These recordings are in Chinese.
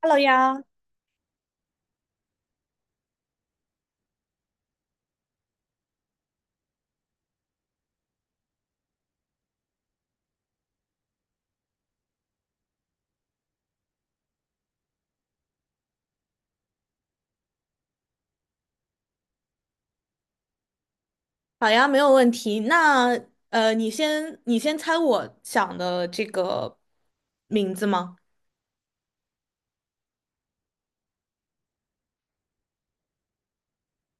Hello 呀，好呀，没有问题。那你先猜我想的这个名字吗？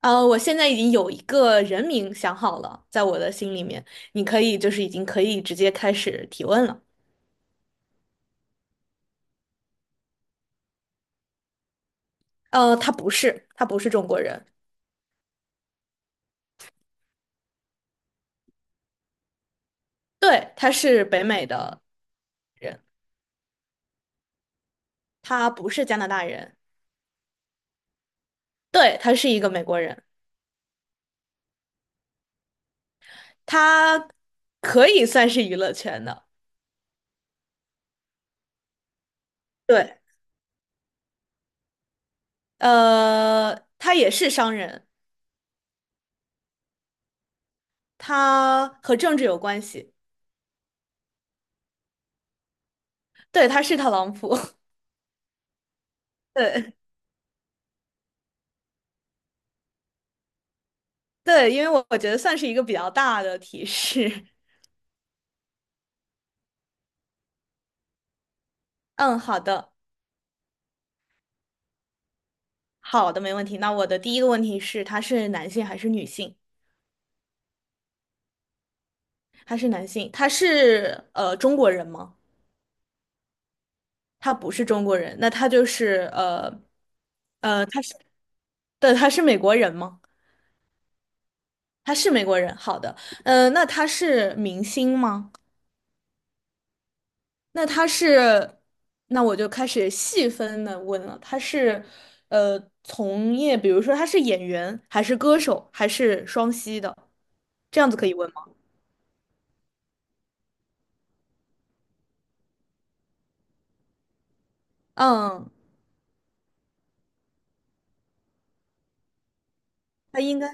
我现在已经有一个人名想好了，在我的心里面，你可以就是已经可以直接开始提问了。他不是，他不是中国人，对，他是北美的人，他不是加拿大人，对，他是一个美国人，他可以算是娱乐圈的，对，他也是商人。他和政治有关系，对，他是特朗普，对对，因为我觉得算是一个比较大的提示。嗯，好的，好的，没问题。那我的第一个问题是，他是男性还是女性？他是男性，他是中国人吗？他不是中国人，那他就是他是对，他是美国人吗？他是美国人，好的，那他是明星吗？那他是，那我就开始细分的问了，他是，呃，从业，比如说他是演员，还是歌手，还是双栖的，这样子可以问吗？嗯，他应该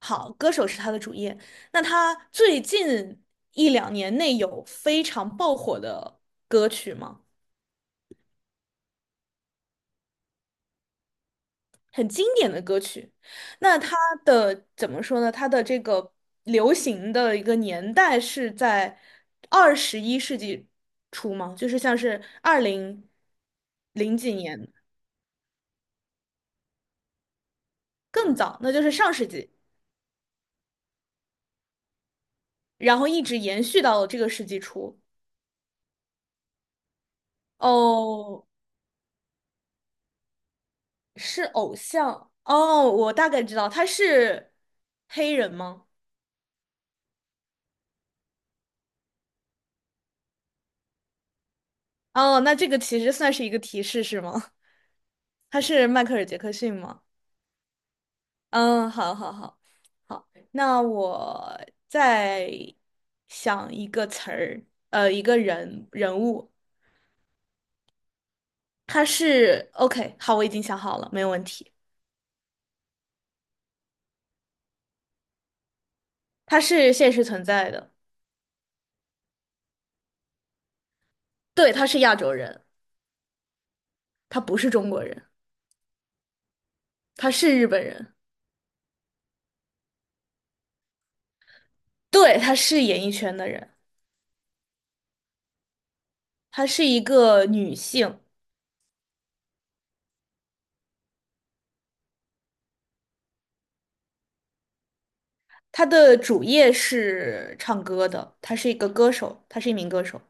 好，歌手是他的主业。那他最近一两年内有非常爆火的歌曲吗？很经典的歌曲。那它的怎么说呢？它的这个流行的一个年代是在21世纪初吗？就是像是200几年更早，那就是上世纪，然后一直延续到这个世纪初。哦，是偶像。哦，我大概知道，他是黑人吗？哦，那这个其实算是一个提示，是吗？他是迈克尔·杰克逊吗？嗯，好，那我再想一个词儿，一个人物，他是 OK，好，我已经想好了，没有问题，他是现实存在的，对，他是亚洲人，他不是中国人，他是日本人，对，他是演艺圈的人，他是一个女性，他的主业是唱歌的，他是一个歌手，他是一名歌手。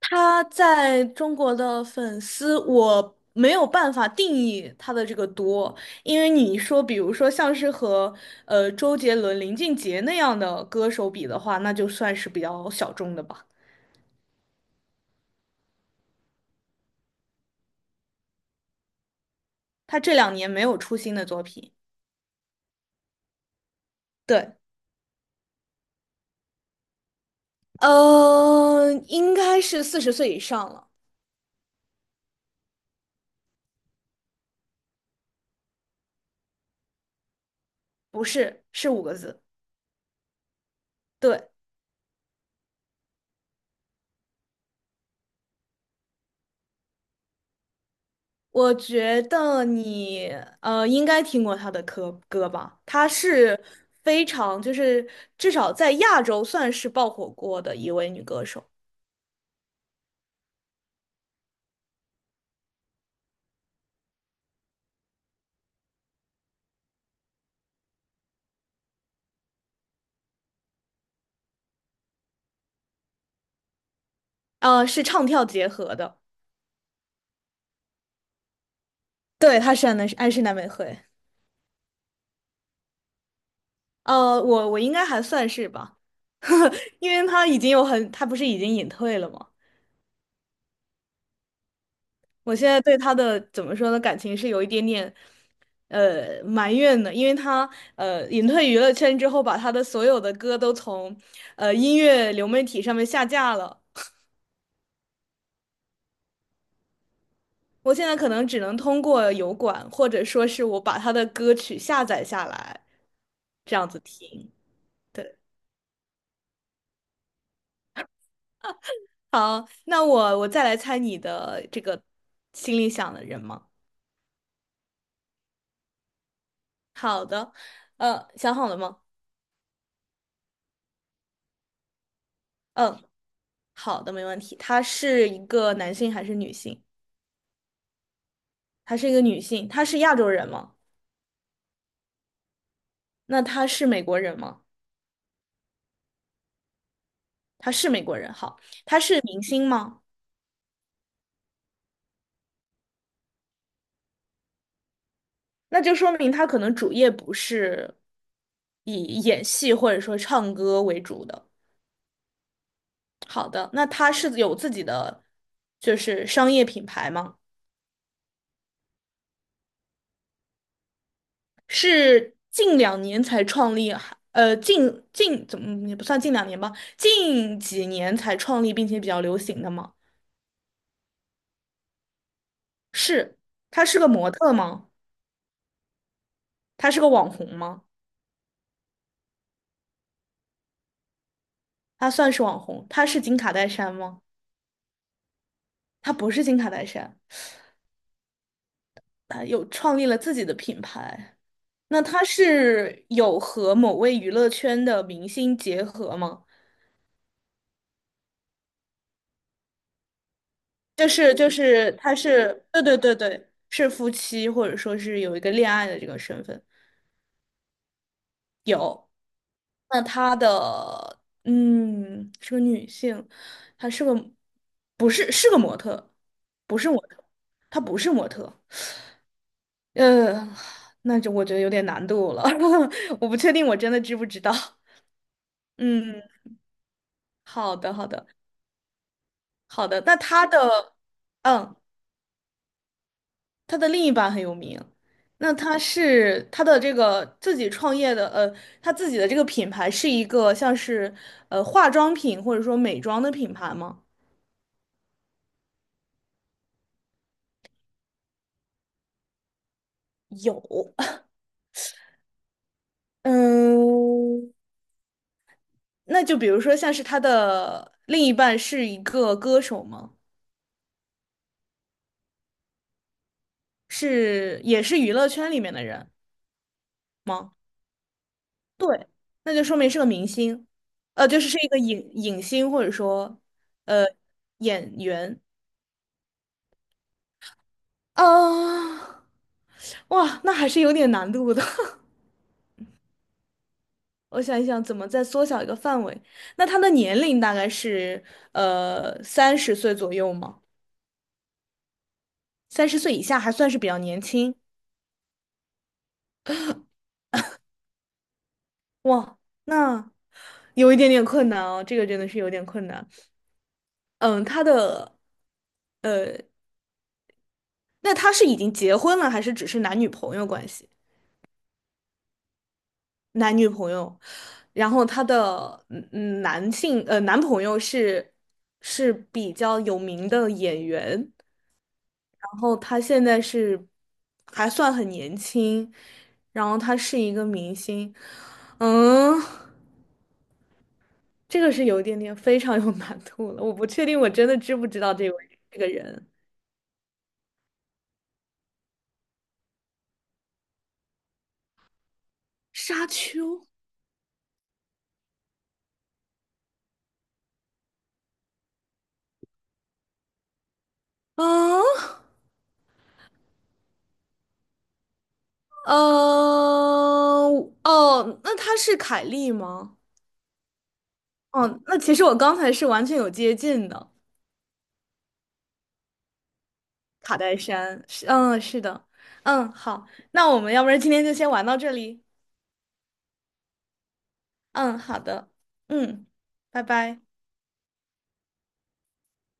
他在中国的粉丝，我没有办法定义他的这个多，因为你说，比如说像是和周杰伦、林俊杰那样的歌手比的话，那就算是比较小众的吧。他这两年没有出新的作品，对，应该是40岁以上了，不是，是5个字，对，我觉得你应该听过她的歌吧，她是非常就是至少在亚洲算是爆火过的一位女歌手，是唱跳结合的，对，她是安室奈美惠，我应该还算是吧，因为她已经有很，她不是已经隐退了吗？我现在对他的怎么说呢，感情是有一点点，埋怨的，因为他隐退娱乐圈之后，把他的所有的歌都从音乐流媒体上面下架了。我现在可能只能通过油管，或者说是我把他的歌曲下载下来，这样子听。对，好，那我再来猜你的这个心里想的人吗？好的，想好了吗？嗯，好的，没问题。他是一个男性还是女性？她是一个女性，她是亚洲人吗？那她是美国人吗？她是美国人，好，她是明星吗？那就说明她可能主业不是以演戏或者说唱歌为主的。好的，那她是有自己的就是商业品牌吗？是近两年才创立，还呃，近近怎么嗯也不算近两年吧，近几年才创立并且比较流行的吗？是，她是个模特吗？她是个网红吗？他算是网红，他是金卡戴珊吗？他不是金卡戴珊，他有创立了自己的品牌。那他是有和某位娱乐圈的明星结合吗？就是，他是对，是夫妻或者说是有一个恋爱的这个身份。有，那他的是个女性，她是个不是是个模特，不是模特，她不是模特。呃，那就我觉得有点难度了，我不确定我真的知不知道。嗯，好的，好的，好的。那他的，嗯，他的另一半很有名，那他是他的这个自己创业的，他自己的这个品牌是一个像是化妆品或者说美妆的品牌吗？有，嗯，那就比如说像是他的另一半是一个歌手吗？是，也是娱乐圈里面的人吗？对，那就说明是个明星，就是是一个影星或者说呃演员啊，哇，那还是有点难度的。我想一想，怎么再缩小一个范围？那他的年龄大概是三十岁左右吗？三十岁以下还算是比较年轻。哇，那有一点点困难哦，这个真的是有点困难。嗯，他的呃，那他是已经结婚了，还是只是男女朋友关系？男女朋友，然后她的男朋友是是比较有名的演员，然后她现在是还算很年轻，然后她是一个明星，嗯，这个是有一点点非常有难度了，我不确定我真的知不知道这位这个人，沙丘，嗯，呃，哦，那她是凯莉吗？哦，那其实我刚才是完全有接近的，卡戴珊是，嗯，是的，嗯，好，那我们要不然今天就先玩到这里，嗯，好的，嗯，拜拜。